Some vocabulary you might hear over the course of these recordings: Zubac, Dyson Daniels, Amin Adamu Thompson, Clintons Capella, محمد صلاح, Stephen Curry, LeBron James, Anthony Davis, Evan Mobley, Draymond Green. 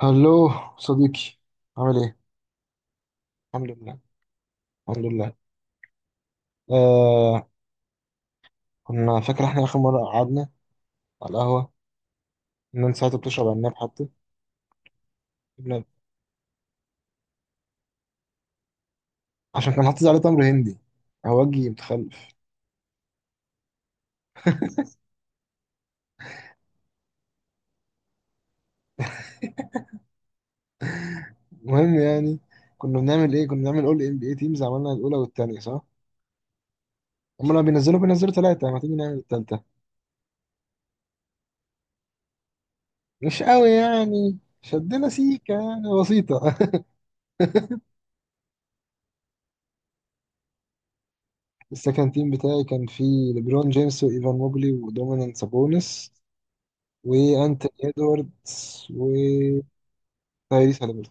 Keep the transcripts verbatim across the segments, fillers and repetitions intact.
هلو صديقي، عامل ايه؟ الحمد لله، الحمد لله. آه كنا فاكر احنا اخر مره قعدنا على القهوه ان انت ساعتها بتشرب عناب حتى. عناب، عشان كان حاطط عليه تمر هندي. هوجي متخلف. المهم يعني، كنا بنعمل ايه كنا بنعمل اول ام بي اي تيمز، عملنا الاولى والثانيه صح. هم لما بينزلوا بينزلوا ثلاثه، ما تيجي نعمل الثالثه. مش قوي يعني، شدنا سيكه يعني بسيطه. السكند تيم بتاعي كان فيه ليبرون جيمس وايفان موبلي ودومينيك سابونس وانتوني ادواردز وتايريس هاليبرتون.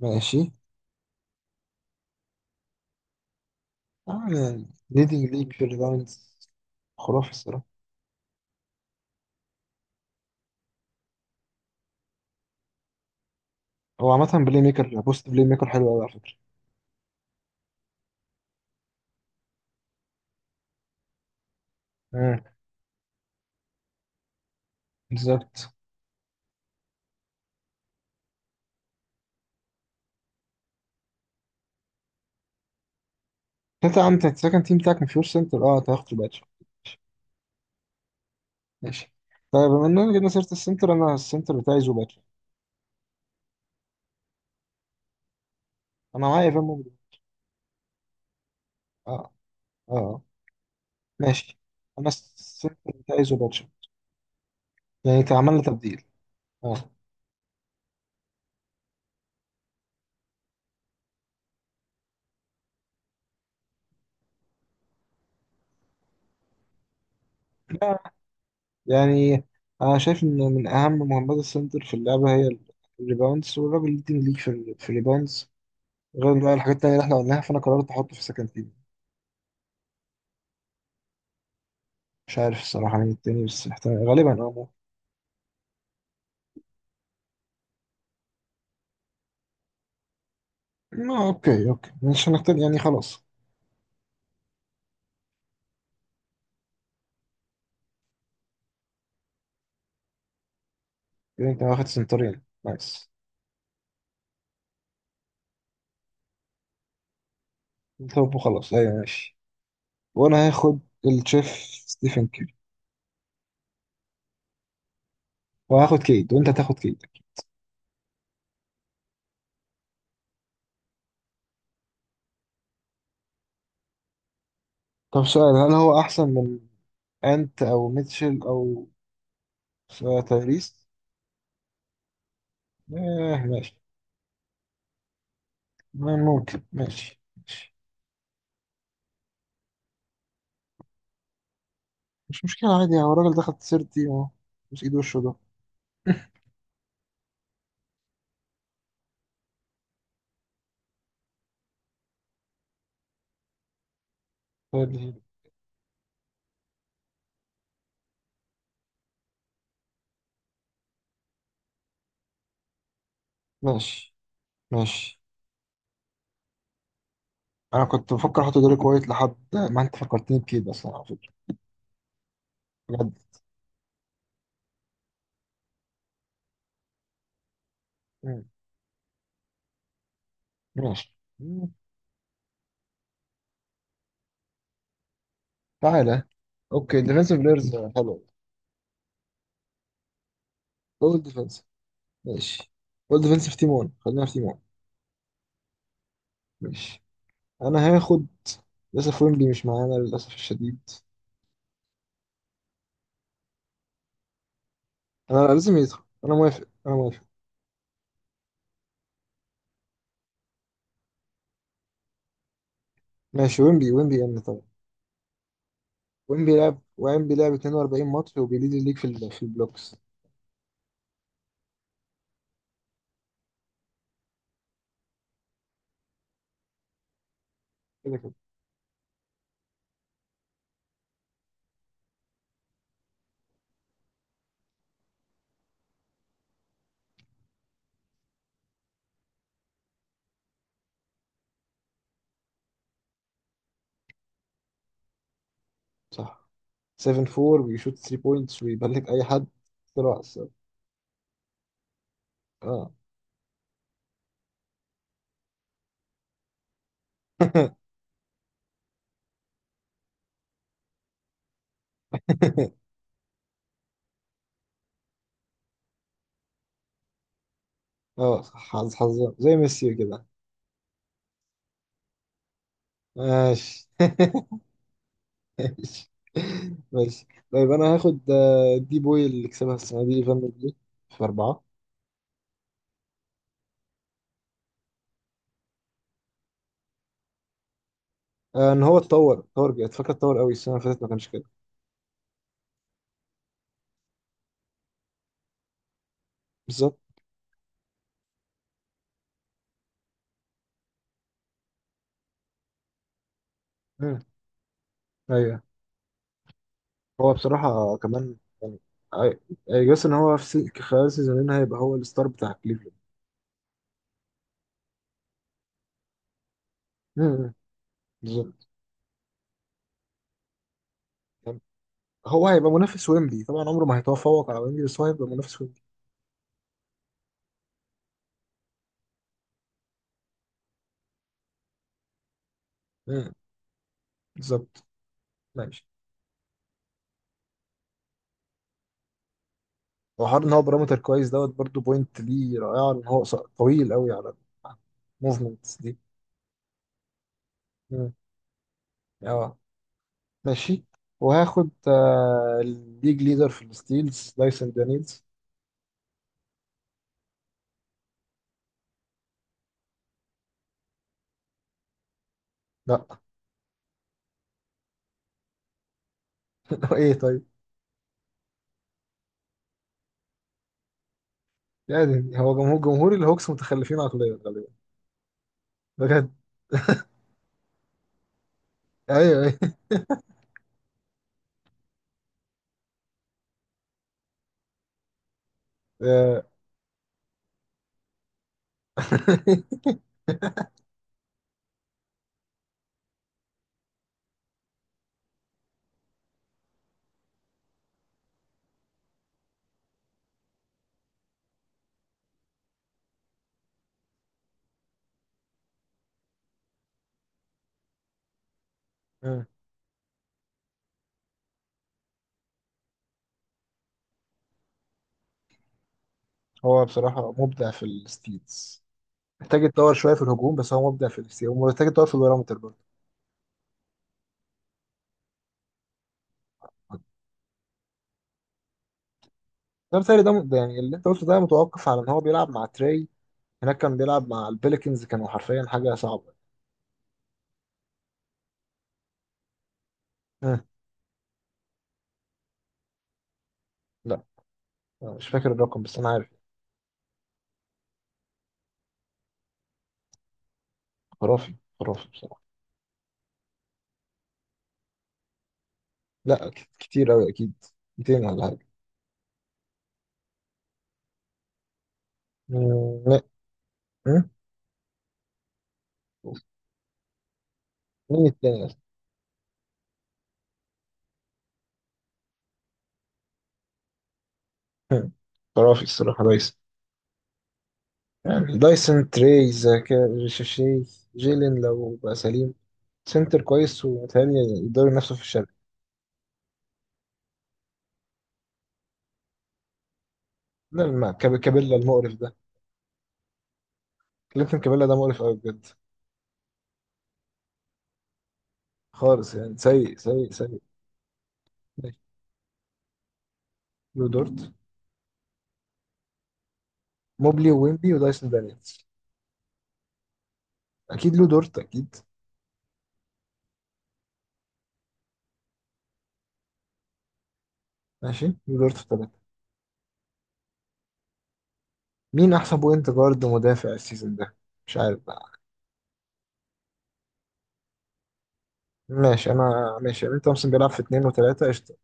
ماشي. اه يعني ليدنج ليج في الريباوندز، خرافي الصراحه. هو عامه بلاي ميكر، بوست بلاي ميكر حلو قوي على فكره. امم. بالظبط. انت عندك السكند تيم بتاعك مفيهوش سنتر، اه انت هتاخد باتشو. ماشي. طيب بما اننا جبنا سيره السنتر، انا السنتر بتاعي زوباتشو. انا معايا ايفان موبلي. اه اه آه. ماشي، انا السنتر بتاعي زوباتشو، يعني انت عملنا تبديل. اه. يعني انا شايف ان من اهم مهمات السنتر في اللعبه هي الريباوندز، والراجل ليدنج ليك في في الريباوندز، غير بقى الحاجات التانية اللي احنا قلناها، فانا قررت احطه في سكند تيم. مش عارف الصراحه مين التاني، بس احتمال غالبا اه ممكن. ما اوكي اوكي، مش هنختار يعني، خلاص. كده انت واخد سنترين، نايس. طب وخلاص ايوه ماشي. وانا هاخد الشيف ستيفن كيري، وهاخد كيد، وانت هتاخد كيد. طب سؤال، هل هو احسن من انت او ميتشل او تايريس؟ آه ماشي. ممكن، ماشي ماشي. مش مشكلة، عادي يعني. هو الراجل دخل سيرتي ومش ايد وشه ده. طيب، هيل. ماشي ماشي. انا كنت بفكر احط دوري كويت لحد ما انت فكرتني بكده اصلا على فكرة، بجد. مم. ماشي. مم. تعالى. اوكي ديفensive بلايرز حلو. اول ديفنس، ماشي. اول ديفنس في تيمون، خلينا في تيمون. ماشي. انا هاخد، للاسف ويمبي مش معانا للاسف الشديد. انا لازم يدخل، انا موافق انا موافق. ماشي، ويمبي ويمبي ان طبعا. وين بيلعب وين بيلعب اتنين واربعين ماتش، وبيليد الليج في ال- في البلوكس. كده كده صح، سبعة أربع بيشوت تلاتة بوينتس ويبلك اي حد بسرعه الصراحة. اه. اه صح، حظ حظ زي ميسي كده. ماشي. ماشي ماشي. طيب انا هاخد آه، دي بوي اللي كسبها السنه دي، ايفان دي في اربعه. آه، ان هو اتطور، اتطور جامد فاكر، اتطور قوي السنه اللي فاتت ما كانش كده. بالظبط. مم. ايوه. هو بصراحة كمان يعني، جاس ان هو في سي- خلال سيزونين هيبقى هو الستار بتاع كليفلاند. مم. بالظبط. يعني هو هيبقى منافس ويمبي، طبعا عمره ما هيتفوق على ويمبي، بس هو هيبقى منافس ويمبي. مم. بالظبط. ماشي. وحوار ان هو بارامتر كويس دوت برضو، بوينت ليه رائعة، ان هو قص- طويل قوي على الموفمنتس دي. مم. اه ماشي. وهاخد آه، الليج ليدر في الستيلز دايسون دانيلز. لا. ايه طيب. يعني هو جمهور، جمهور الهوكس متخلفين عقليا غالبا. بجد، ايوه ايوه. هو بصراحة مبدع في الستيتس، محتاج يتطور شوية في الهجوم، بس هو مبدع في الستيتس، ومحتاج يتطور في البارامتر برضه. ده بيتهيألي، ده ده يعني اللي انت قلته ده متوقف على ان هو بيلعب مع تري. هناك كان بيلعب مع البليكنز، كانوا حرفيا حاجة صعبة. أه. لا أنا مش فاكر الرقم، بس انا عارف. خرافي خرافي بصراحة. لا، ك- كتير قوي اكيد. ميتين ولا حاجة. مم، لا. أه؟ مين التاني أصلاً؟ أه. خرافي الصراحة ريس. يعني دايسون تريز، ريشيشي، جيلين لو بقى سليم، سنتر كويس، ومتهيألي يقدروا ينافسوا في الشرق. لا، ما كاب- كابيلا المقرف ده. كلينتون كابيلا ده مقرف قوي بجد. خالص، يعني سيء سيء سيء. ماشي. لو دورت، موبلي وويمبي ودايسون دانيels. اكيد لو دورت اكيد. ماشي، لو دورت في ثلاثة. مين احسن بوينت جارد مدافع السيزون ده؟ مش عارف بقى. ماشي، انا ماشي، امين تومسون بيلعب في اتنين وتلاتة قشطة.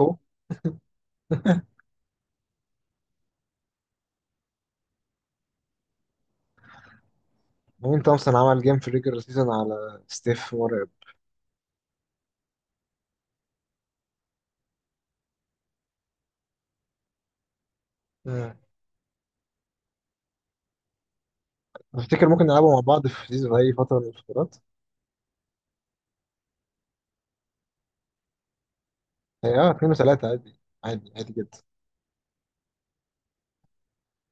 هو امين تومسون عمل جيم في الريجر سيزون على ستيف، مرعب. افتكر ممكن نلعبه مع بعض في سيزون، في اي فتره من الفترات. هي اه اتنين وثلاثه عادي، عادي عادي جدا.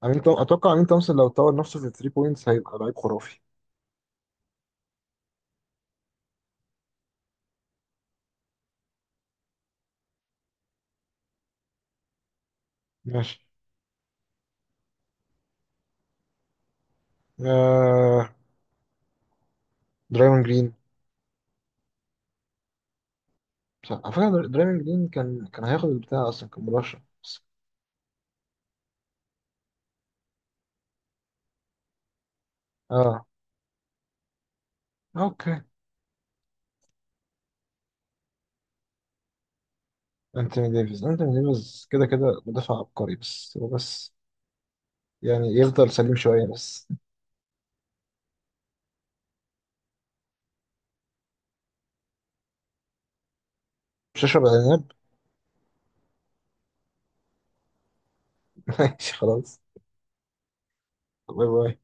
امين توم... اتوقع امين تومسون لو طور نفسه في تلاتة بوينتس هيبقى لعيب خرافي. ماشي. آه... درايمون جرين. صح على فكره، در- درايمون جرين كان كان هياخد البتاع اصلا، كان مرشح بس. اه اوكي. انتوني ديفيز، انتوني ديفيز كده كده مدافع عبقري، بس هو بس يعني يفضل سليم شويه بس. مش هشرب عناب. ماشي خلاص، باي باي.